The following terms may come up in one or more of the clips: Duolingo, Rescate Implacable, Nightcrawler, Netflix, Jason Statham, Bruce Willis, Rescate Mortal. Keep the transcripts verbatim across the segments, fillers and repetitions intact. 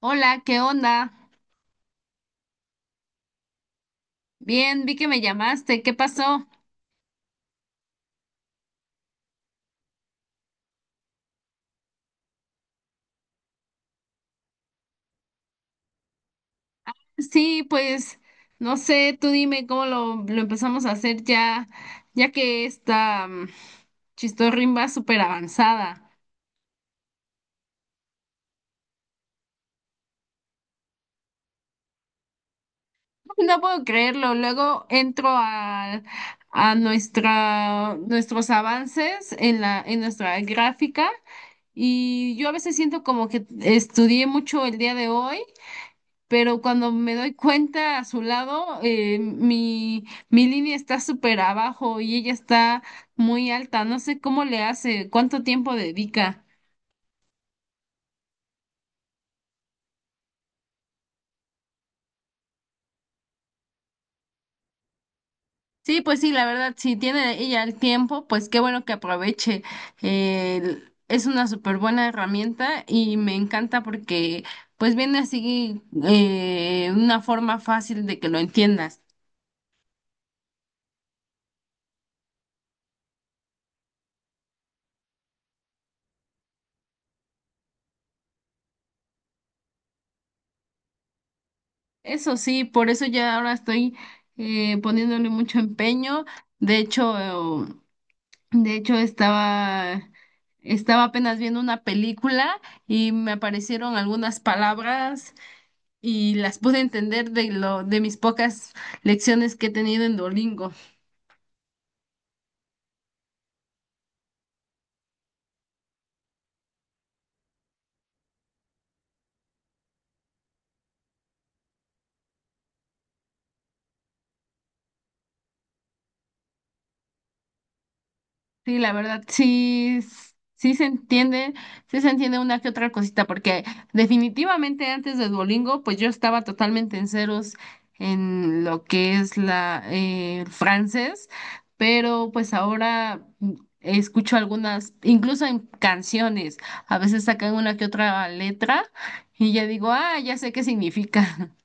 Hola, ¿qué onda? Bien, vi que me llamaste. ¿Qué pasó? Sí, pues no sé, tú dime cómo lo, lo empezamos a hacer ya, ya que esta mm, chistorrín va súper avanzada. No puedo creerlo. Luego entro al- a nuestra, nuestros avances en la, en nuestra gráfica, y yo a veces siento como que estudié mucho el día de hoy, pero cuando me doy cuenta a su lado, eh, mi, mi línea está súper abajo y ella está muy alta. No sé cómo le hace, cuánto tiempo dedica. Sí, pues sí, la verdad, si tiene ella el tiempo, pues qué bueno que aproveche. Eh, es una súper buena herramienta y me encanta porque pues viene así eh, una forma fácil de que lo entiendas. Eso sí, por eso ya ahora estoy eh, poniéndole mucho empeño. De hecho, De hecho, estaba, estaba apenas viendo una película y me aparecieron algunas palabras y las pude entender de lo, de mis pocas lecciones que he tenido en Duolingo. Sí, la verdad, sí, s- sí se entiende, sí se entiende una que otra cosita, porque definitivamente antes de Duolingo, pues yo estaba totalmente en ceros en lo que es la eh, el francés, pero pues ahora mm, escucho algunas, incluso en canciones, a veces sacan una que otra letra y ya digo, ah, ya sé qué significa.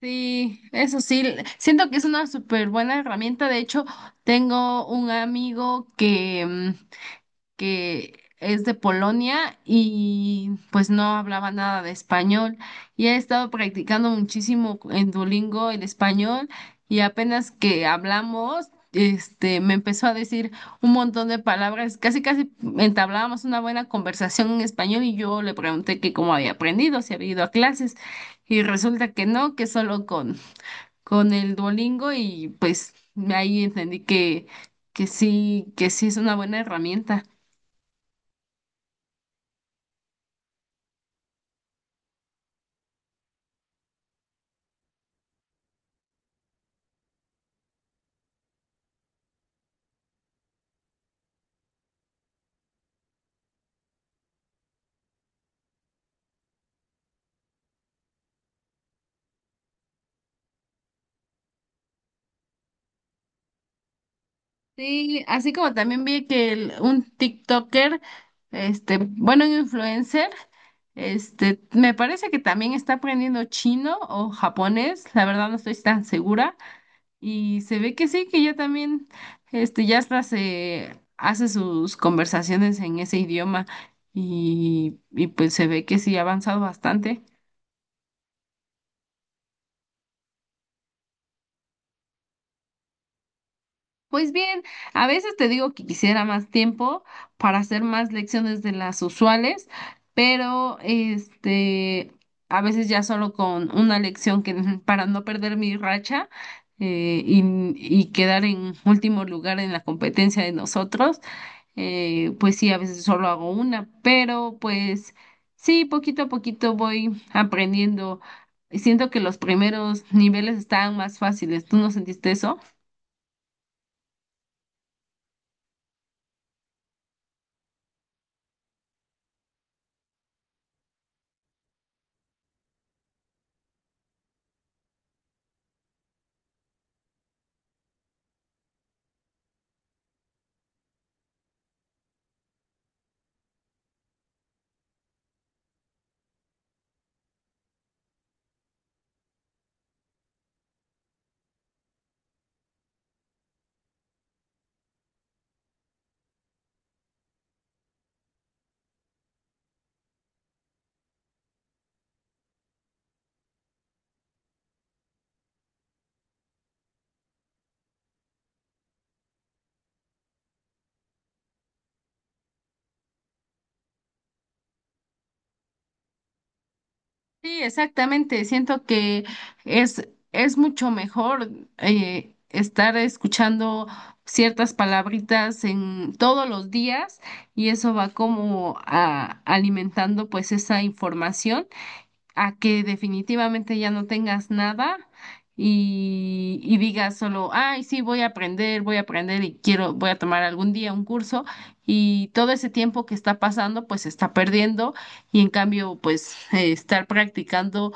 Sí, eso sí, l- siento que es una súper buena herramienta. De hecho, tengo un amigo que mm, que es de Polonia y pues no hablaba nada de español. Y he estado practicando muchísimo en Duolingo el español, y apenas que hablamos, este, me empezó a decir un montón de palabras. Casi, casi entablábamos una buena conversación en español, y yo le pregunté que cómo había aprendido, si había ido a clases. Y resulta que no, que solo con, con el Duolingo, y pues ahí entendí que, que sí, que sí es una buena herramienta. Sí, así como también vi que el- un TikToker, este, bueno, un influencer, este, me parece que también está aprendiendo chino o japonés, la verdad no estoy tan segura, y se ve que sí, que ya también, este, ya hasta se hace sus conversaciones en ese idioma, y, y pues se ve que sí ha avanzado bastante. Pues bien, a veces te digo que quisiera más tiempo para hacer más lecciones de las usuales, pero este, a veces ya solo con una lección que para no perder mi racha, eh, y, y quedar en último lugar en la competencia de nosotros, eh, pues sí, a veces solo hago una, pero pues sí, poquito a poquito voy aprendiendo. Siento que los primeros niveles estaban más fáciles. ¿Tú no sentiste eso? Sí, exactamente. Siento que es, es mucho mejor eh, estar escuchando ciertas palabritas en todos los días, y eso va como a- alimentando pues esa información, a que definitivamente ya no tengas nada y, y digas solo, ay, sí, voy a aprender, voy a aprender y quiero, voy a tomar algún día un curso, y todo ese tiempo que está pasando, pues se está perdiendo, y en cambio, pues eh, estar practicando,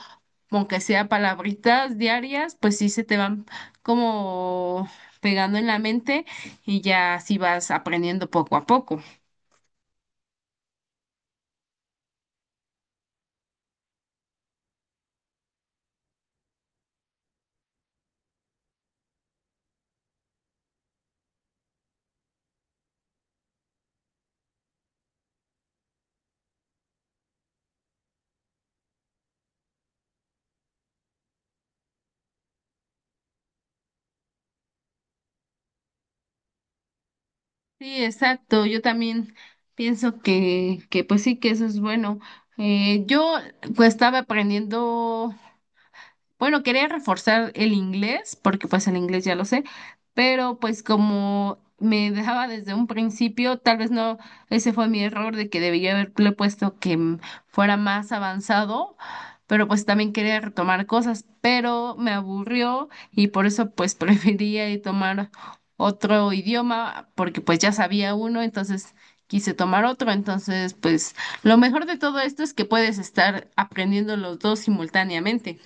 aunque sea palabritas diarias, pues sí se te van como pegando en la mente y ya así vas aprendiendo poco a poco. Sí, exacto. Yo también pienso que, que pues sí, que eso es bueno. Eh, yo pues estaba aprendiendo. Bueno, quería reforzar el inglés, porque pues el inglés ya lo sé, pero pues como me dejaba desde un principio, tal vez no, ese fue mi error de que debía haberle puesto que mm, fuera más avanzado, pero pues también quería retomar cosas, pero me aburrió y por eso pues prefería ir tomar otro idioma, porque pues ya sabía uno, entonces quise tomar otro, entonces pues lo mejor de todo esto es que puedes estar aprendiendo los dos simultáneamente.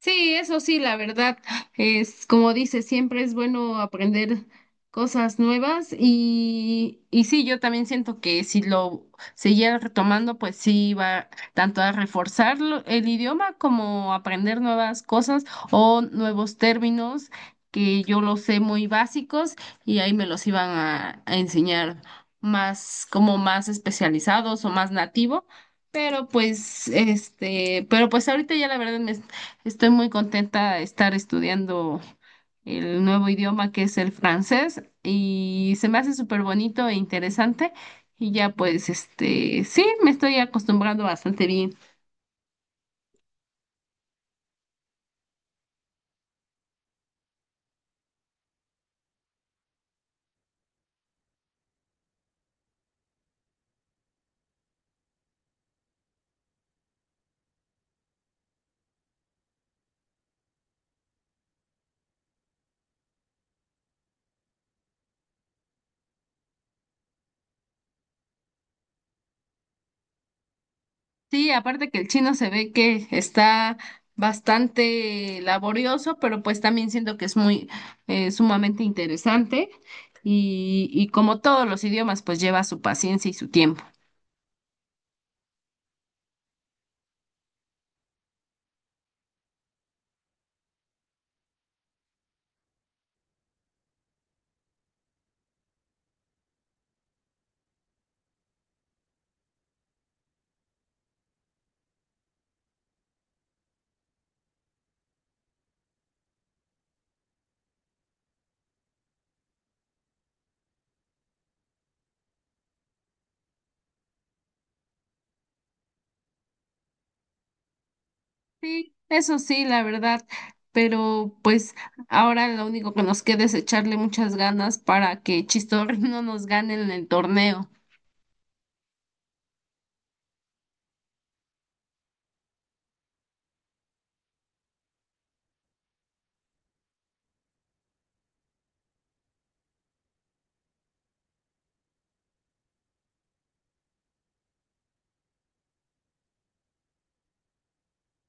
Sí, eso sí, la verdad, es como dice, siempre es bueno aprender cosas nuevas y, y sí, yo también siento que si lo siguiera retomando, pues sí va tanto a reforzar lo- el idioma como aprender nuevas cosas o nuevos términos que yo los sé muy básicos y ahí me los iban a, a enseñar más, como más especializados o más nativo. Pero pues, este, pero pues ahorita ya la verdad me estoy muy contenta de estar estudiando el nuevo idioma que es el francés, y se me hace súper bonito e interesante, y ya pues este, sí, me estoy acostumbrando bastante bien. Sí, aparte que el chino se ve que está bastante laborioso, pero pues también siento que es muy eh, sumamente interesante y, y como todos los idiomas pues lleva su paciencia y su tiempo. Sí, eso sí, la verdad, pero pues ahora lo único que nos queda es echarle muchas ganas para que Chistorri no nos gane en el torneo.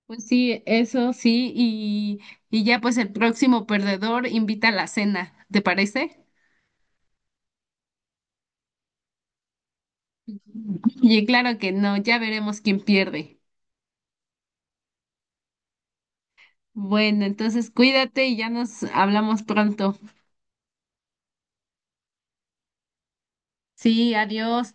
Pues sí, eso sí, y, y ya pues el próximo perdedor invita a la cena, ¿te parece? Y claro que no, ya veremos quién pierde. Bueno, entonces cuídate y ya nos hablamos pronto. Sí, adiós.